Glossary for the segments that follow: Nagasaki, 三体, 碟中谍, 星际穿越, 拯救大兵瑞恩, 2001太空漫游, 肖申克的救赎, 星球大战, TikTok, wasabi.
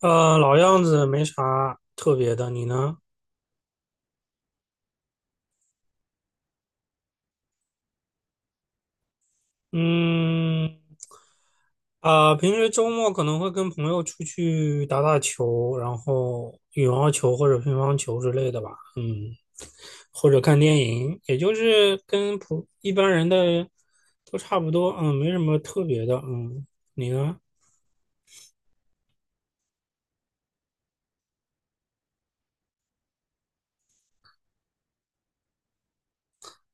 老样子，没啥特别的。你呢？嗯，平时周末可能会跟朋友出去打打球，然后羽毛球或者乒乓球之类的吧。嗯，或者看电影，也就是跟一般人的都差不多。嗯，没什么特别的。嗯，你呢？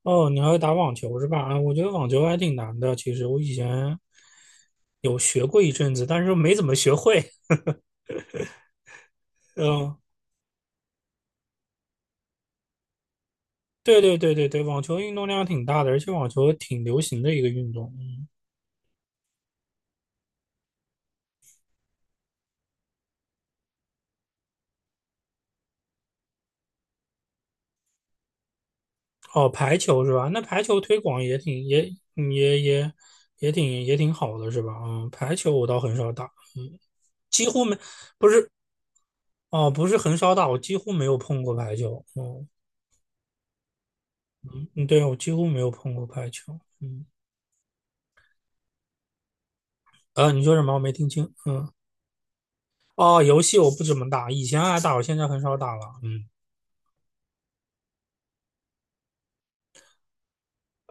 哦，你还会打网球是吧？啊，我觉得网球还挺难的。其实我以前有学过一阵子，但是没怎么学会。嗯。对对对对对，网球运动量挺大的，而且网球挺流行的一个运动。嗯，哦，排球是吧？那排球推广也挺也嗯也也也挺也挺好的是吧？嗯，排球我倒很少打。嗯，几乎没，不是哦，不是很少打，我几乎没有碰过排球。嗯，嗯，对，我几乎没有碰过排球。嗯，你说什么？我没听清。嗯，哦，游戏我不怎么打，以前爱打，我现在很少打了。嗯，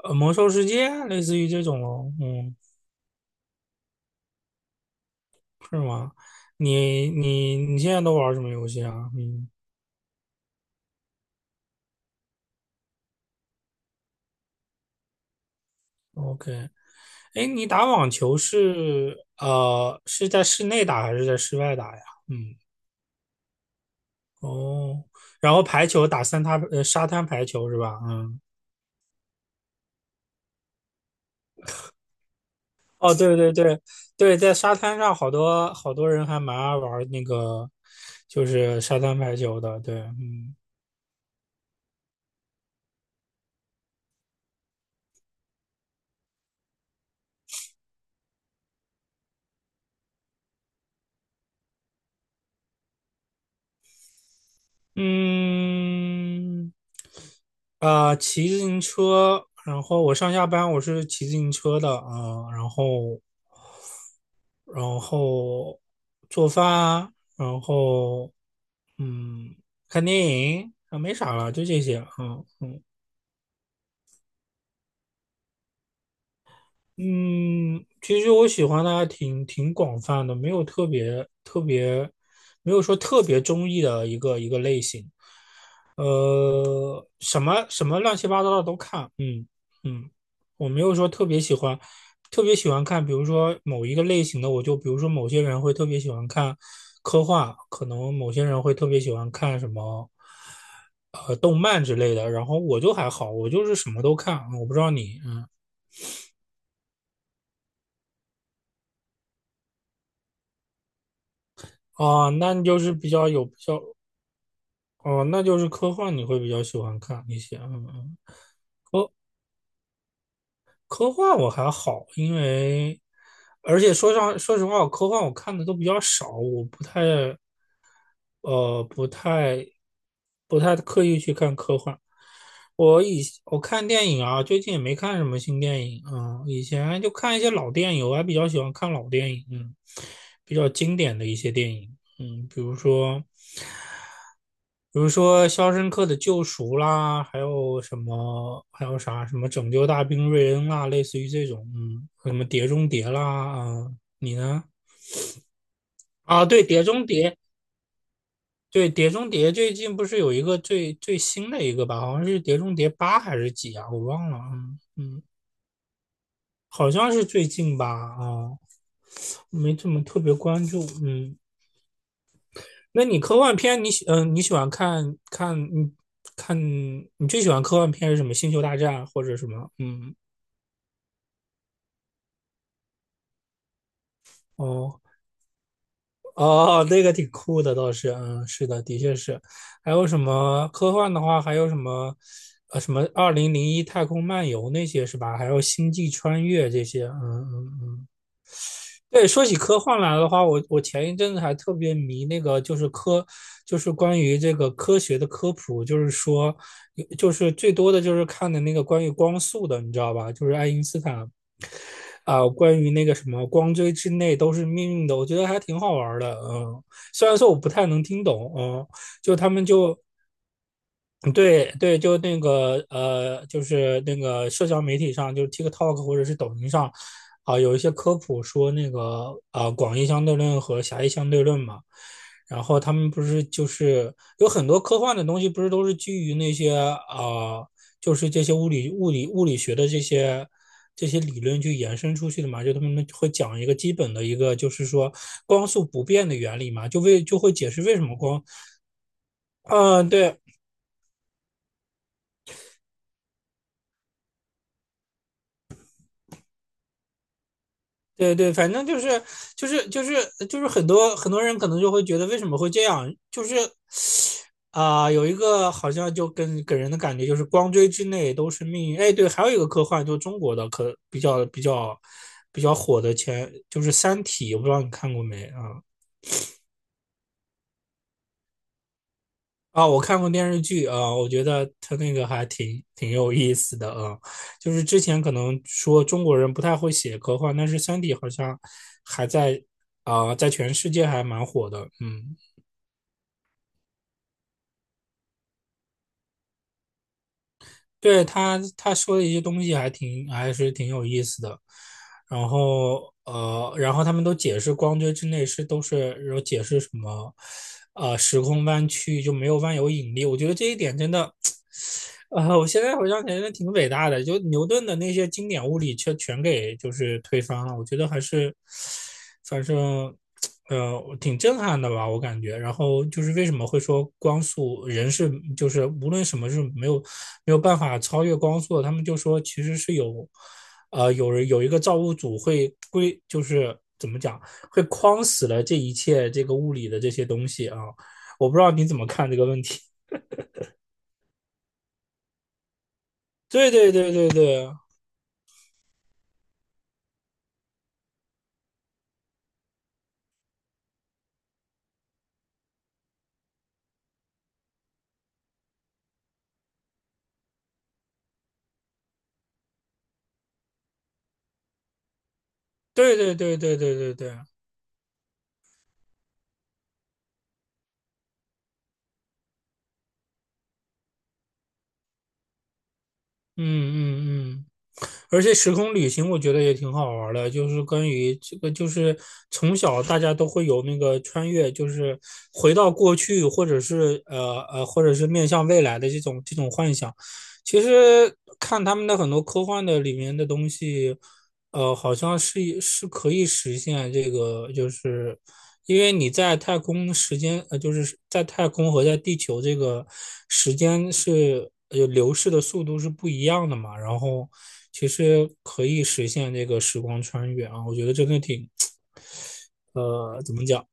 魔兽世界类似于这种咯。嗯。是吗？你现在都玩什么游戏啊？嗯，OK,哎，你打网球是在室内打还是在室外打呀？嗯，哦，然后排球打沙滩排球是吧？嗯，哦，对对对对，在沙滩上好多好多人还蛮爱玩那个就是沙滩排球的，对，嗯。嗯，骑自行车，然后我上下班我是骑自行车的啊，然后做饭，然后嗯，看电影啊，没啥了，就这些啊，嗯嗯，其实我喜欢的还挺广泛的，没有特别特别，没有说特别中意的一个一个类型。什么什么乱七八糟的都看，嗯嗯，我没有说特别喜欢，特别喜欢看，比如说某一个类型的，我就比如说某些人会特别喜欢看科幻，可能某些人会特别喜欢看动漫之类的，然后我就还好，我就是什么都看，我不知道你，嗯。哦，那你就是比较有比较哦，那就是科幻你会比较喜欢看一些，嗯嗯，科幻我还好，因为而且说实话，科幻我看的都比较少，我呃不太不太刻意去看科幻。我看电影啊，最近也没看什么新电影啊，以前就看一些老电影，我还比较喜欢看老电影，嗯，比较经典的一些电影，嗯，比如说。比如说《肖申克的救赎》啦，还有什么，还有什么《拯救大兵瑞恩》啦，类似于这种，嗯，什么《碟中谍》啦，啊，你呢？啊，对，《碟中谍》，对，《碟中谍》最近不是有一个最新的一个吧？好像是《碟中谍八》还是几啊？我忘了，嗯嗯，好像是最近吧，啊，没怎么特别关注，嗯。那你科幻片你喜欢看你最喜欢科幻片是什么？星球大战或者什么？嗯哦哦，那个挺酷的倒是，嗯是的，的确是。还有什么科幻的话，还有什么《2001太空漫游》那些是吧？还有《星际穿越》这些，嗯嗯嗯。对，说起科幻来的话，我前一阵子还特别迷那个，就是科，就是关于这个科学的科普，就是说，就是最多的就是看的那个关于光速的，你知道吧？就是爱因斯坦，关于那个什么光锥之内都是命运的，我觉得还挺好玩的，嗯。虽然说我不太能听懂，嗯，就他们就对对，就那个就是那个社交媒体上，就是 TikTok 或者是抖音上，有一些科普说那个广义相对论和狭义相对论嘛。然后他们不是就是有很多科幻的东西，不是都是基于那些啊、就是这些物理学的这些理论去延伸出去的嘛？就他们会讲一个基本的一个，就是说光速不变的原理嘛，就会解释为什么光，嗯、对，对对，反正就是就是就是很多很多人可能就会觉得为什么会这样，就是有一个好像就跟给人的感觉就是光锥之内都是命运。哎，对，还有一个科幻，就中国的可比较比较比较火的就是《三体》，我不知道你看过没啊？啊，我看过电视剧啊，我觉得它那个还挺有意思的啊。就是之前可能说中国人不太会写科幻，但是《三体》好像还在在全世界还蛮火的，嗯。对他说的一些东西还是挺有意思的，然后然后他们都解释光锥之内是都是有解释什么，呃，时空弯曲就没有万有引力，我觉得这一点真的。啊，我现在回想起来真的挺伟大的，就牛顿的那些经典物理却全给就是推翻了，我觉得还是，反正，挺震撼的吧，我感觉。然后就是为什么会说光速人是就是无论什么是没有办法超越光速的，他们就说其实是有，呃，有人有一个造物主会归，就是怎么讲会框死了这一切这个物理的这些东西啊，我不知道你怎么看这个问题。对对对对对，对对对对对对对，嗯嗯嗯，而且时空旅行我觉得也挺好玩儿的，就是关于这个，就是从小大家都会有那个穿越，就是回到过去，或者是或者是面向未来的这种这种幻想。其实看他们的很多科幻的里面的东西，呃，好像是可以实现这个，就是因为你在太空时间，呃，就是在太空和在地球这个时间是流逝的速度是不一样的嘛，然后其实可以实现这个时光穿越啊，我觉得真的挺，呃，怎么讲？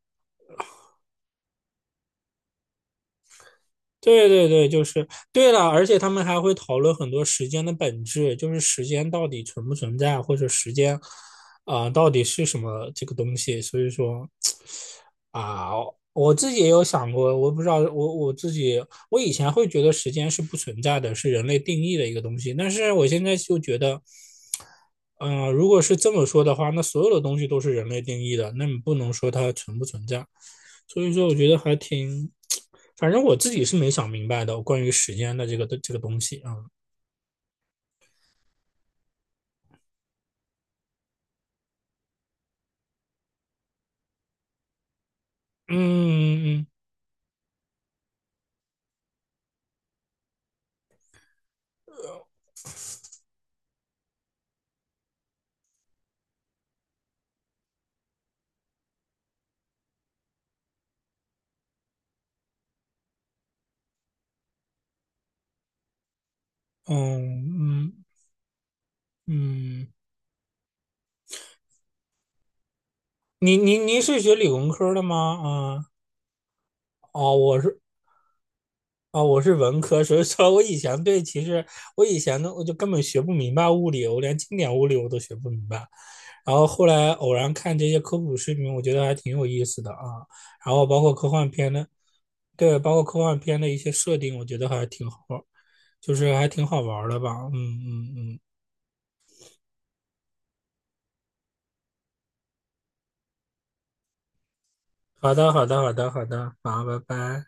对对对，就是对了，而且他们还会讨论很多时间的本质，就是时间到底存不存在，或者时间，到底是什么这个东西。所以说，啊，我自己也有想过，我不知道，我自己，我以前会觉得时间是不存在的，是人类定义的一个东西，但是我现在就觉得，嗯、如果是这么说的话，那所有的东西都是人类定义的，那你不能说它存不存在。所以说，我觉得还挺，反正我自己是没想明白的，关于时间的这个东西啊，嗯嗯嗯嗯嗯嗯，您您是学理工科的吗？哦，我是哦我是文科，所以说我以前对其实我以前呢，我就根本学不明白物理，我连经典物理我都学不明白。然后后来偶然看这些科普视频，我觉得还挺有意思的啊。然后包括科幻片的，对，包括科幻片的一些设定，我觉得还挺好，就是还挺好玩的吧。嗯嗯嗯，好的好的好的好的，好，拜拜。